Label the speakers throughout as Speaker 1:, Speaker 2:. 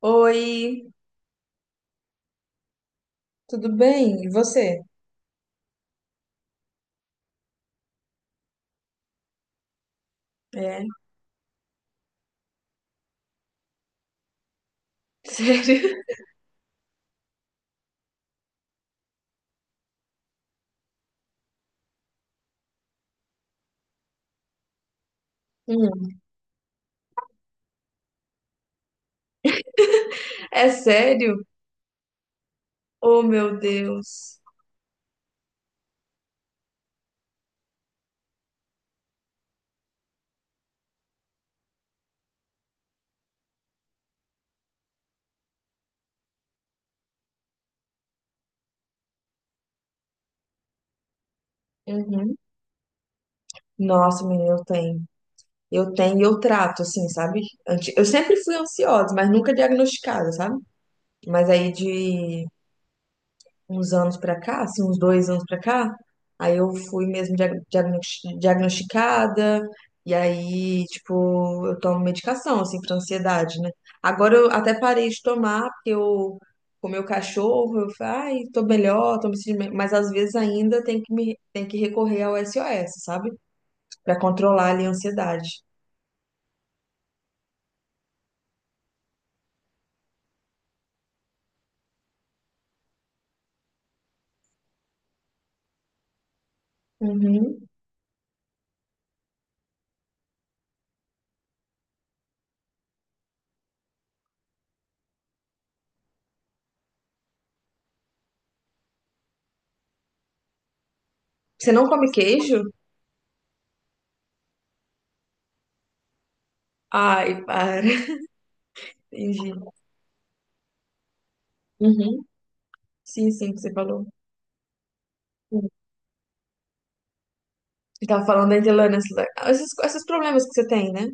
Speaker 1: Oi, tudo bem? E você? É. Sério? Hum. É sério? Oh, meu Deus. Uhum. Nossa, menina, eu tenho. Eu tenho e eu trato, assim, sabe? Eu sempre fui ansiosa, mas nunca diagnosticada, sabe? Mas aí de uns anos pra cá, assim, uns 2 anos pra cá, aí eu fui mesmo diagnosticada, e aí, tipo, eu tomo medicação, assim, pra ansiedade, né? Agora eu até parei de tomar, porque eu comi o cachorro, eu falei, ai, tô melhor, tô me sentindo melhor", mas às vezes ainda tem que recorrer ao SOS, sabe? Pra controlar ali a ansiedade. Uhum. Você não come queijo? Ai, para. Entendi. Uhum. Sim, sim, que você falou. Eu tava falando da Indiana, esses problemas que você tem, né?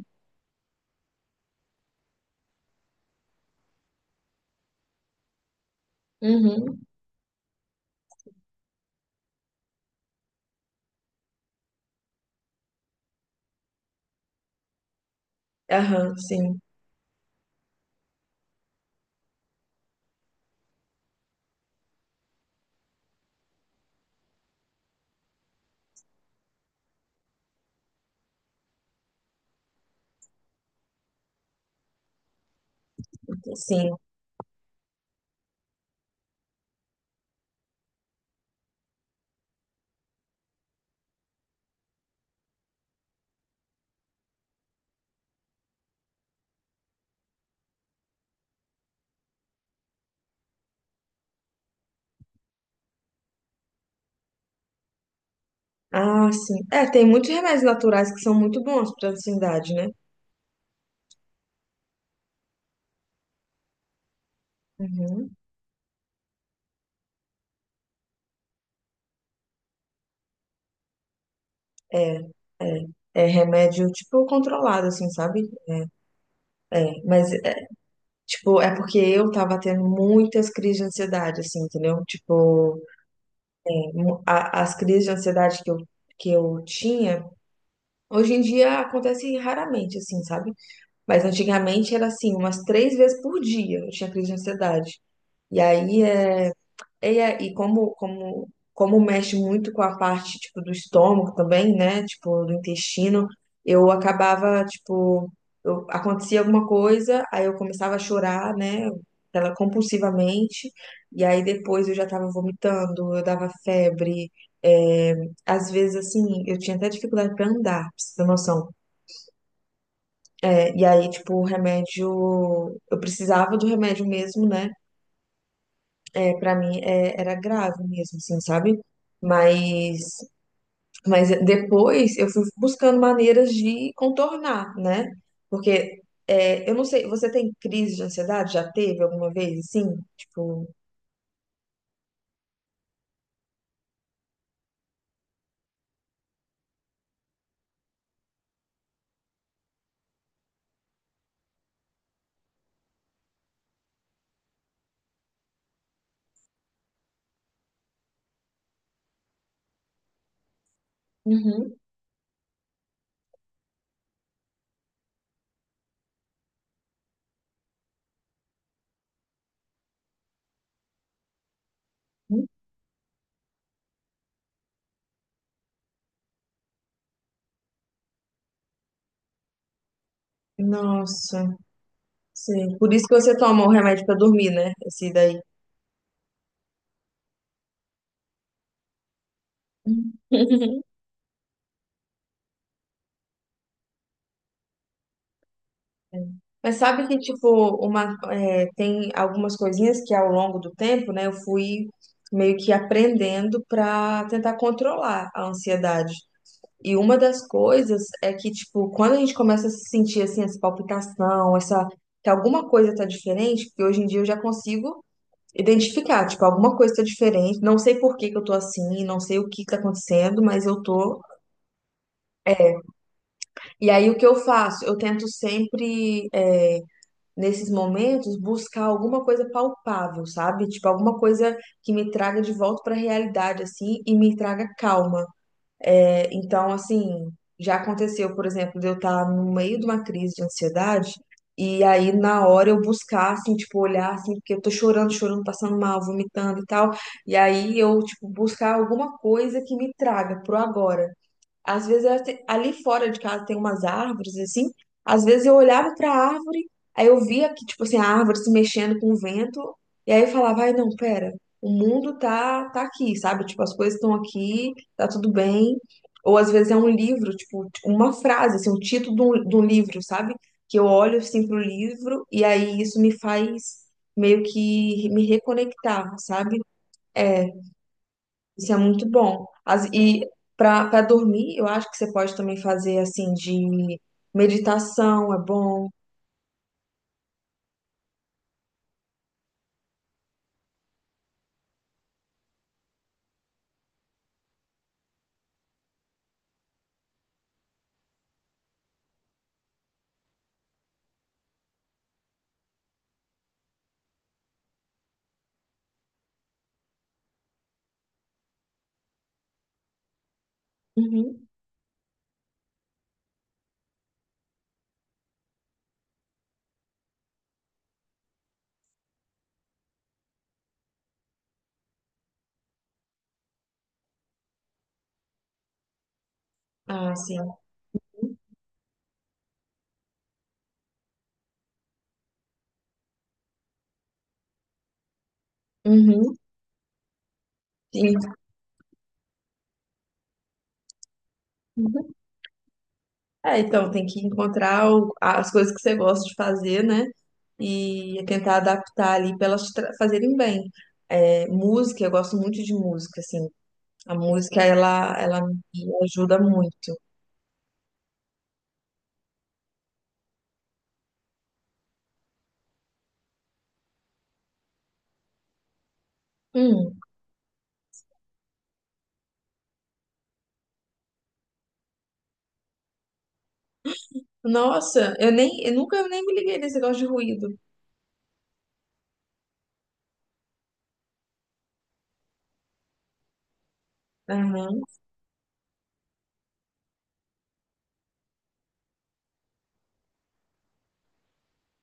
Speaker 1: Uhum. Aham, sim, sim. Ah, sim. É, tem muitos remédios naturais que são muito bons pra ansiedade, né? Uhum. É, é. É remédio, tipo, controlado, assim, sabe? É, mas, é, tipo, é porque eu tava tendo muitas crises de ansiedade, assim, entendeu? Tipo, as crises de ansiedade que eu tinha, hoje em dia acontecem raramente, assim, sabe? Mas antigamente era assim, umas três vezes por dia eu tinha crise de ansiedade. E aí e como mexe muito com a parte tipo do estômago também, né? Tipo, do intestino, eu acabava, tipo, acontecia alguma coisa, aí eu começava a chorar, né? Ela compulsivamente, e aí depois eu já tava vomitando, eu dava febre, é, às vezes assim, eu tinha até dificuldade para andar, pra você ter noção. É, e aí, tipo, o remédio, eu precisava do remédio mesmo, né? É, para mim era grave mesmo, assim, sabe? Mas, mas depois eu fui buscando maneiras de contornar, né? Porque eu não sei, você tem crise de ansiedade? Já teve alguma vez, assim? Tipo, Uhum. Nossa, sim. Por isso que você toma o remédio pra dormir, né? Esse daí. Mas sabe que, tipo, tem algumas coisinhas que ao longo do tempo, né, eu fui meio que aprendendo pra tentar controlar a ansiedade. E uma das coisas é que, tipo, quando a gente começa a se sentir, assim, essa palpitação, essa, que alguma coisa tá diferente, porque hoje em dia eu já consigo identificar, tipo, alguma coisa tá diferente, não sei por que que eu tô assim, não sei o que que tá acontecendo, mas eu tô. E aí o que eu faço? Eu tento sempre nesses momentos, buscar alguma coisa palpável, sabe? Tipo, alguma coisa que me traga de volta para a realidade, assim, e me traga calma. É, então, assim, já aconteceu, por exemplo, de eu estar no meio de uma crise de ansiedade. E aí, na hora, eu buscar, assim, tipo, olhar, assim, porque eu tô chorando, chorando, passando mal, vomitando e tal. E aí, eu, tipo, buscar alguma coisa que me traga pro agora. Às vezes ali fora de casa tem umas árvores assim. Às vezes eu olhava para a árvore, aí eu via que tipo assim a árvore se mexendo com o vento, e aí eu falava, ai não, pera, o mundo tá aqui, sabe? Tipo as coisas estão aqui, tá tudo bem. Ou às vezes é um livro, tipo uma frase, assim, um título de um livro, sabe? Que eu olho assim pro livro e aí isso me faz meio que me reconectar, sabe? É, isso é muito bom. E para dormir, eu acho que você pode também fazer assim de meditação, é bom. Uhum. Ah, sim. Uhum. Sim. Uhum. É, então tem que encontrar as coisas que você gosta de fazer, né? E tentar adaptar ali para elas fazerem bem. É, música, eu gosto muito de música, assim. A música, ela me ajuda muito. Hum. Nossa, eu nunca nem me liguei nesse negócio de ruído. Aham.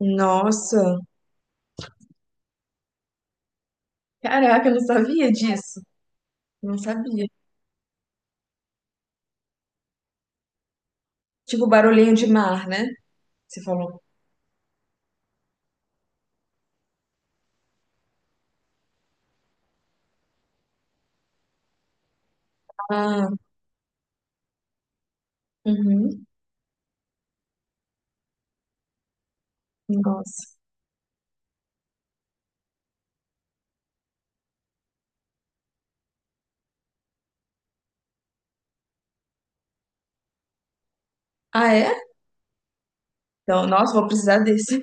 Speaker 1: Nossa. Caraca, eu não sabia disso. Não sabia. Tipo barulhinho de mar, né? Você falou. Ah, uhum. Nossa. Ah, é? Então, nossa, vou precisar desse.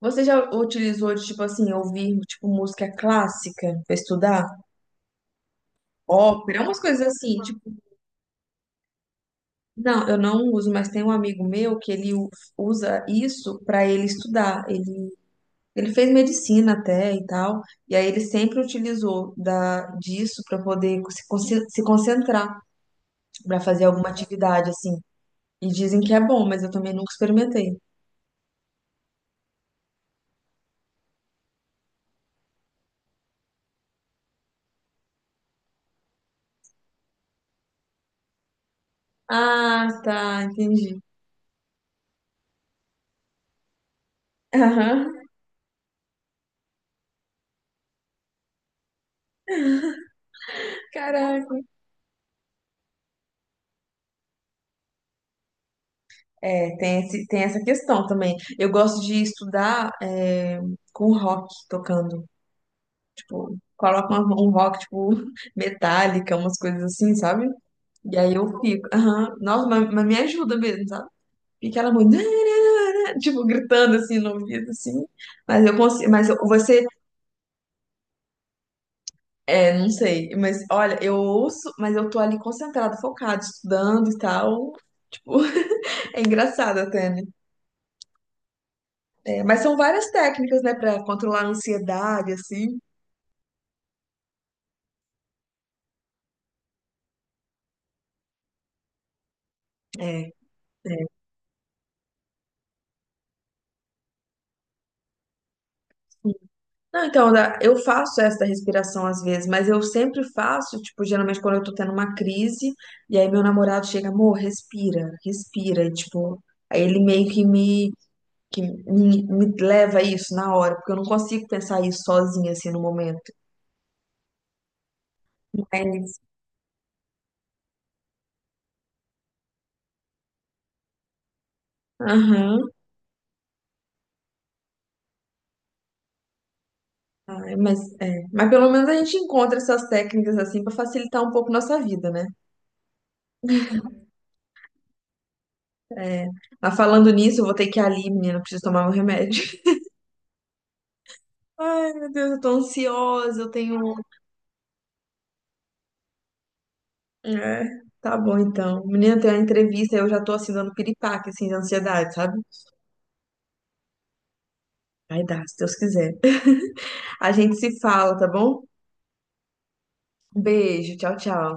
Speaker 1: Você já utilizou de, tipo assim, ouvir, tipo, música clássica pra estudar? Ópera, umas coisas assim, tipo. Não, eu não uso, mas tem um amigo meu que ele usa isso pra ele estudar. Ele fez medicina até e tal, e aí ele sempre utilizou disso pra poder se concentrar. Pra fazer alguma atividade, assim. E dizem que é bom, mas eu também nunca experimentei. Ah, tá, entendi. Aham. Caraca. É, tem essa questão também. Eu gosto de estudar com rock tocando. Tipo, coloca um rock, tipo, metálica, umas coisas assim, sabe? E aí eu fico, aham, nossa, mas me ajuda mesmo, sabe? Fica ela muito, tipo, gritando assim no ouvido, assim. Mas eu consigo, mas eu- você É, não sei, mas olha, eu ouço, mas eu tô ali concentrada, focada, estudando e tal. Tipo, é engraçado até, né? É, mas são várias técnicas, né, pra controlar a ansiedade, assim. É, é. Não, então, eu faço essa respiração às vezes, mas eu sempre faço, tipo, geralmente quando eu tô tendo uma crise, e aí meu namorado chega, amor, respira, respira, e, tipo, aí ele meio que me leva a isso na hora, porque eu não consigo pensar isso sozinha, assim, no momento. Aham. Ai, mas, é. Mas pelo menos a gente encontra essas técnicas assim pra facilitar um pouco nossa vida, né? É. Mas falando nisso, eu vou ter que ir ali, menina, preciso tomar meu remédio. Ai, meu Deus, eu tô ansiosa, eu tenho. É, tá bom então. Menina, tem uma entrevista, eu já tô assim dando piripaque, assim, de ansiedade, sabe? Vai dar, se Deus quiser. A gente se fala, tá bom? Um beijo, tchau, tchau.